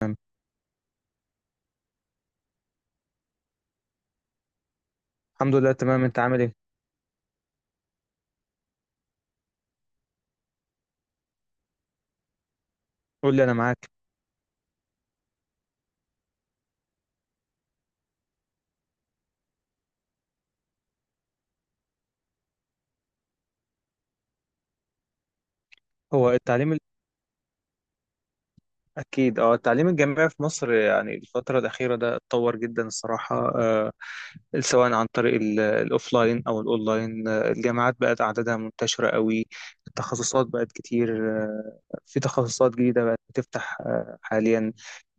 تمام، الحمد لله تمام. انت عامل ايه؟ قول لي انا معاك. هو التعليم ال- اكيد اه، التعليم الجامعي في مصر يعني الفتره الاخيره ده اتطور جدا الصراحه. آه، سواء عن طريق الاوفلاين او الاونلاين، الجامعات بقت اعدادها منتشره قوي. التخصصات بقت كتير، في تخصصات جديده بقت بتفتح حاليا.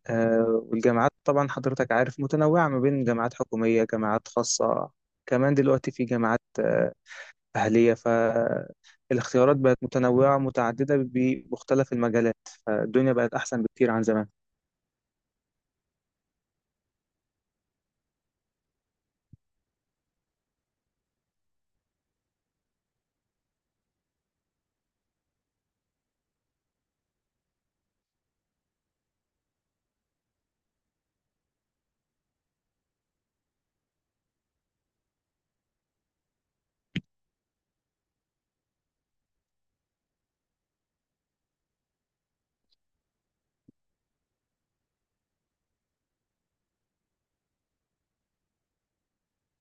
آه، والجامعات طبعا حضرتك عارف متنوعه ما بين جامعات حكوميه، جامعات خاصه. كمان دلوقتي في جامعات أهلية. فالاختيارات بقت متنوعة متعددة بمختلف المجالات. فالدنيا بقت أحسن بكتير عن زمان.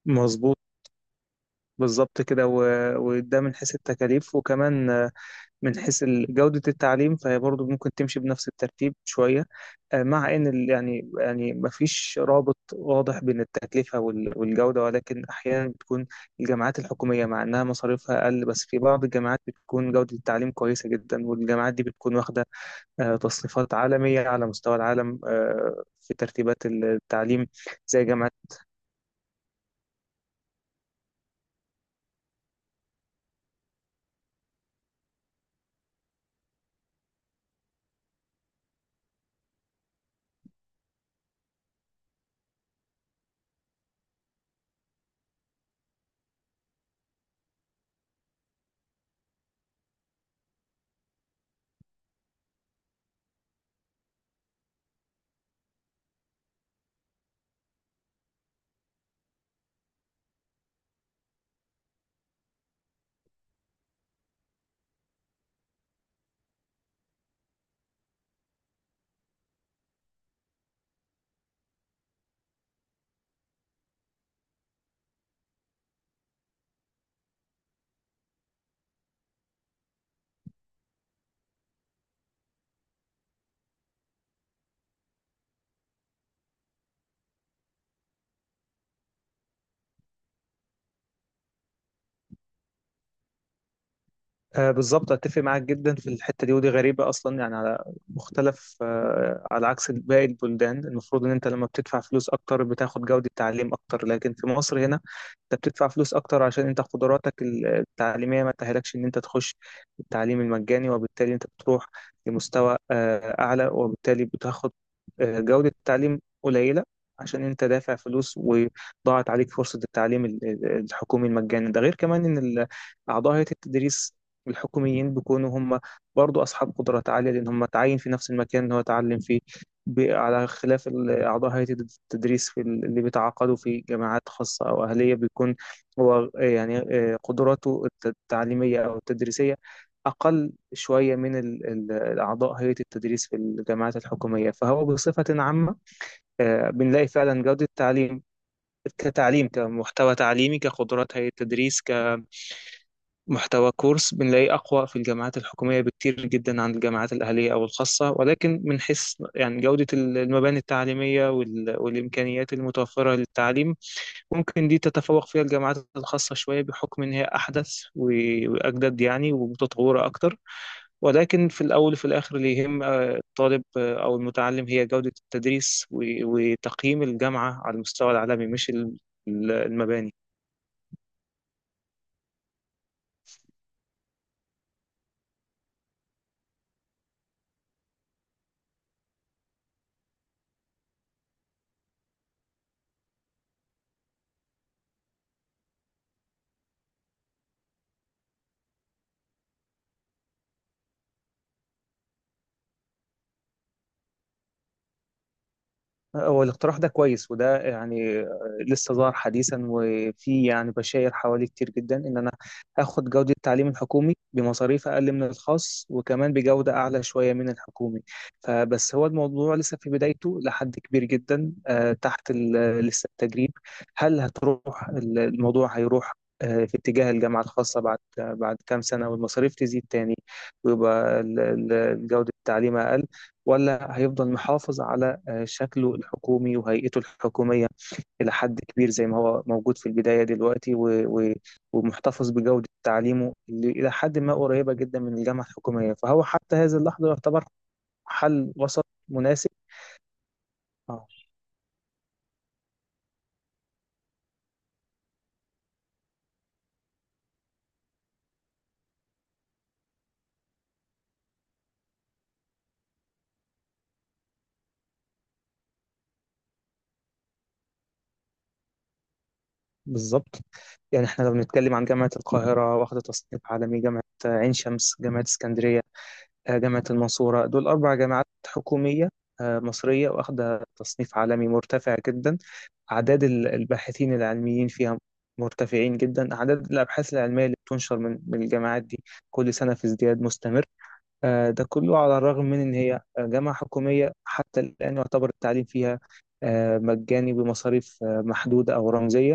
مظبوط، بالظبط كده. وده من حيث التكاليف، وكمان من حيث جودة التعليم فهي برضه ممكن تمشي بنفس الترتيب شوية. مع إن ال- مفيش رابط واضح بين التكلفة والجودة، ولكن أحيانا بتكون الجامعات الحكومية مع إنها مصاريفها أقل، بس في بعض الجامعات بتكون جودة التعليم كويسة جدا، والجامعات دي بتكون واخدة تصنيفات عالمية على مستوى العالم، في ترتيبات التعليم. زي جامعة. آه، بالظبط، اتفق معاك جدا في الحته دي. ودي غريبه اصلا يعني، على مختلف آه، على عكس باقي البلدان المفروض ان انت لما بتدفع فلوس اكتر بتاخد جوده تعليم اكتر، لكن في مصر هنا انت بتدفع فلوس اكتر عشان انت قدراتك التعليميه ما تأهلكش ان انت تخش التعليم المجاني، وبالتالي انت بتروح لمستوى آه اعلى، وبالتالي بتاخد آه جوده تعليم قليله عشان انت دافع فلوس وضاعت عليك فرصه التعليم الحكومي المجاني ده. غير كمان ان أعضاء هيئة التدريس الحكوميين بيكونوا هم برضو أصحاب قدرات عالية، لأن هم تعين في نفس المكان اللي هو اتعلم فيه. على خلاف أعضاء هيئة التدريس في ال- اللي بيتعاقدوا في جامعات خاصة أو أهلية، بيكون هو قدراته التعليمية أو التدريسية أقل شوية من أعضاء هيئة التدريس في الجامعات الحكومية. فهو بصفة عامة بنلاقي فعلا جودة التعليم كتعليم، كمحتوى تعليمي، كقدرات هيئة التدريس، محتوى كورس، بنلاقيه أقوى في الجامعات الحكومية بكتير جدا عن الجامعات الأهلية أو الخاصة. ولكن من حيث يعني جودة المباني التعليمية والإمكانيات المتوفرة للتعليم، ممكن دي تتفوق فيها الجامعات الخاصة شوية بحكم إن هي أحدث وأجدد يعني ومتطورة أكتر. ولكن في الأول وفي الآخر اللي يهم الطالب أو المتعلم هي جودة التدريس وتقييم الجامعة على المستوى العالمي، مش المباني. هو الاقتراح ده كويس، وده يعني لسه ظهر حديثا، وفي يعني بشاير حوالي كتير جدا ان انا اخد جودة التعليم الحكومي بمصاريف اقل من الخاص، وكمان بجودة اعلى شوية من الحكومي. فبس هو الموضوع لسه في بدايته لحد كبير جدا، تحت ال- آه، لسه التجريب. هل هتروح الموضوع هيروح في اتجاه الجامعة الخاصة بعد كام سنة، والمصاريف تزيد تاني، ويبقى جودة التعليم أقل، ولا هيفضل محافظ على شكله الحكومي وهيئته الحكومية إلى حد كبير زي ما هو موجود في البداية دلوقتي، و... ومحتفظ بجودة تعليمه اللي إلى حد ما قريبة جدا من الجامعة الحكومية. فهو حتى هذه اللحظة يعتبر حل وسط مناسب. اه بالظبط. يعني احنا لو بنتكلم عن جامعة القاهرة واخدة تصنيف عالمي، جامعة عين شمس، جامعة اسكندرية، جامعة المنصورة، دول أربع جامعات حكومية مصرية واخدة تصنيف عالمي مرتفع جدا. أعداد الباحثين العلميين فيها مرتفعين جدا. أعداد الأبحاث العلمية اللي بتنشر من الجامعات دي كل سنة في ازدياد مستمر. ده كله على الرغم من إن هي جامعة حكومية. حتى الآن يعتبر التعليم فيها مجاني بمصاريف محدودة أو رمزية،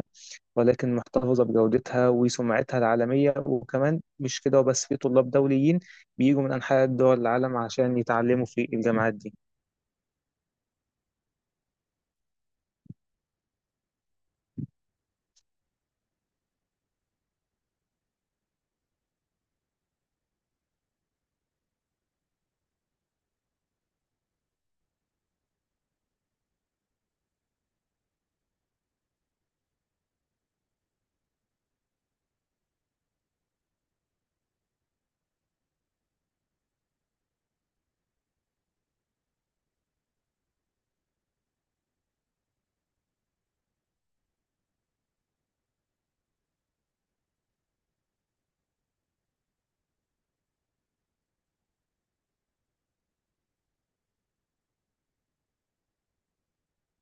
ولكن محتفظة بجودتها وسمعتها العالمية. وكمان مش كده وبس، في طلاب دوليين بيجوا من أنحاء دول العالم عشان يتعلموا في الجامعات دي.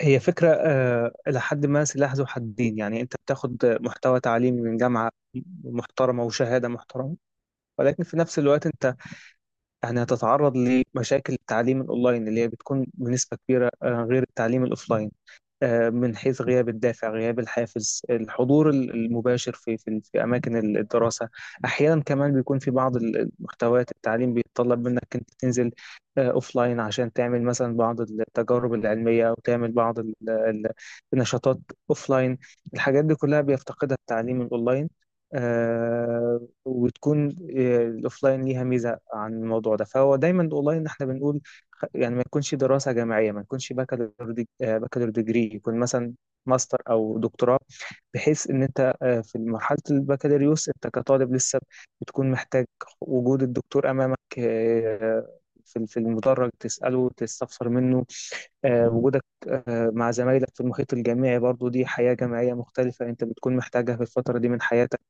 هي فكرة إلى حد ما سلاح ذو حدين. يعني أنت بتاخد محتوى تعليمي من جامعة محترمة وشهادة محترمة، ولكن في نفس الوقت أنت يعني هتتعرض لمشاكل التعليم الأونلاين اللي هي بتكون بنسبة كبيرة غير التعليم الأوفلاين، من حيث غياب الدافع، غياب الحافز، الحضور المباشر في اماكن الدراسه. احيانا كمان بيكون في بعض المحتويات التعليم بيتطلب منك انت تنزل اوف لاين، عشان تعمل مثلا بعض التجارب العلميه، او تعمل بعض النشاطات اوف لاين. الحاجات دي كلها بيفتقدها التعليم الاونلاين، آه، وتكون الاوف لاين ليها ميزه عن الموضوع ده. فهو دايما الاونلاين احنا بنقول يعني ما يكونش دراسة جامعية، ما يكونش بكالور ديجري، يكون مثلا ماستر أو دكتوراه. بحيث إن أنت في مرحلة البكالوريوس أنت كطالب لسه بتكون محتاج وجود الدكتور أمامك، في المدرج تسأله تستفسر منه. وجودك مع زمايلك في المحيط الجامعي برضو، دي حياة جامعية مختلفة أنت بتكون محتاجها في الفترة دي من حياتك.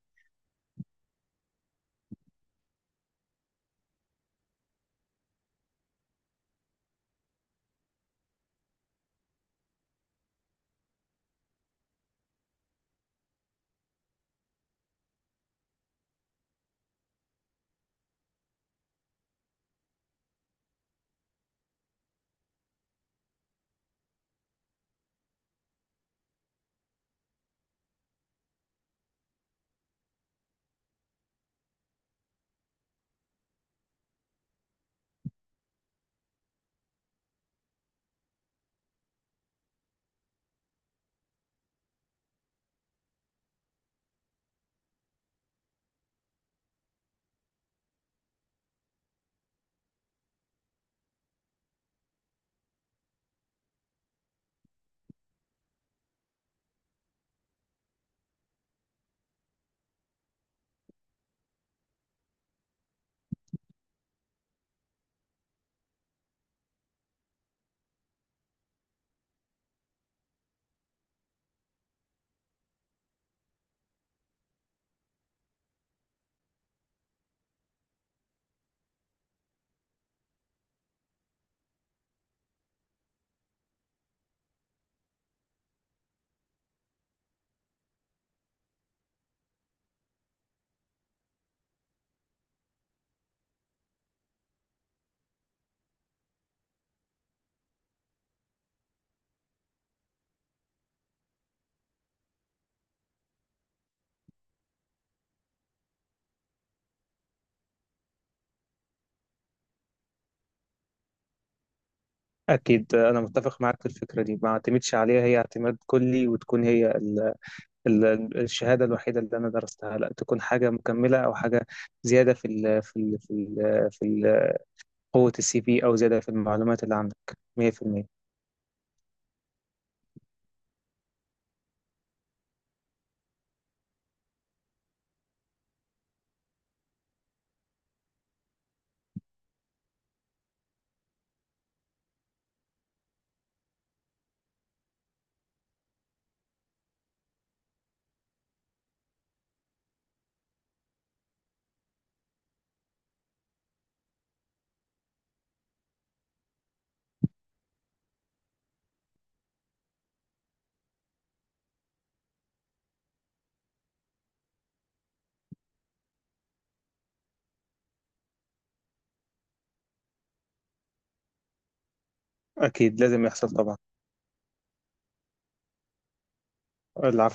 أكيد أنا متفق معاك في الفكرة دي. ما اعتمدش عليها هي اعتماد كلي وتكون هي الشهادة الوحيدة اللي أنا درستها. لا، تكون حاجة مكملة أو حاجة زيادة في ال قوة السي في، أو زيادة في المعلومات اللي عندك. 100%. أكيد لازم يحصل طبعا. العفو.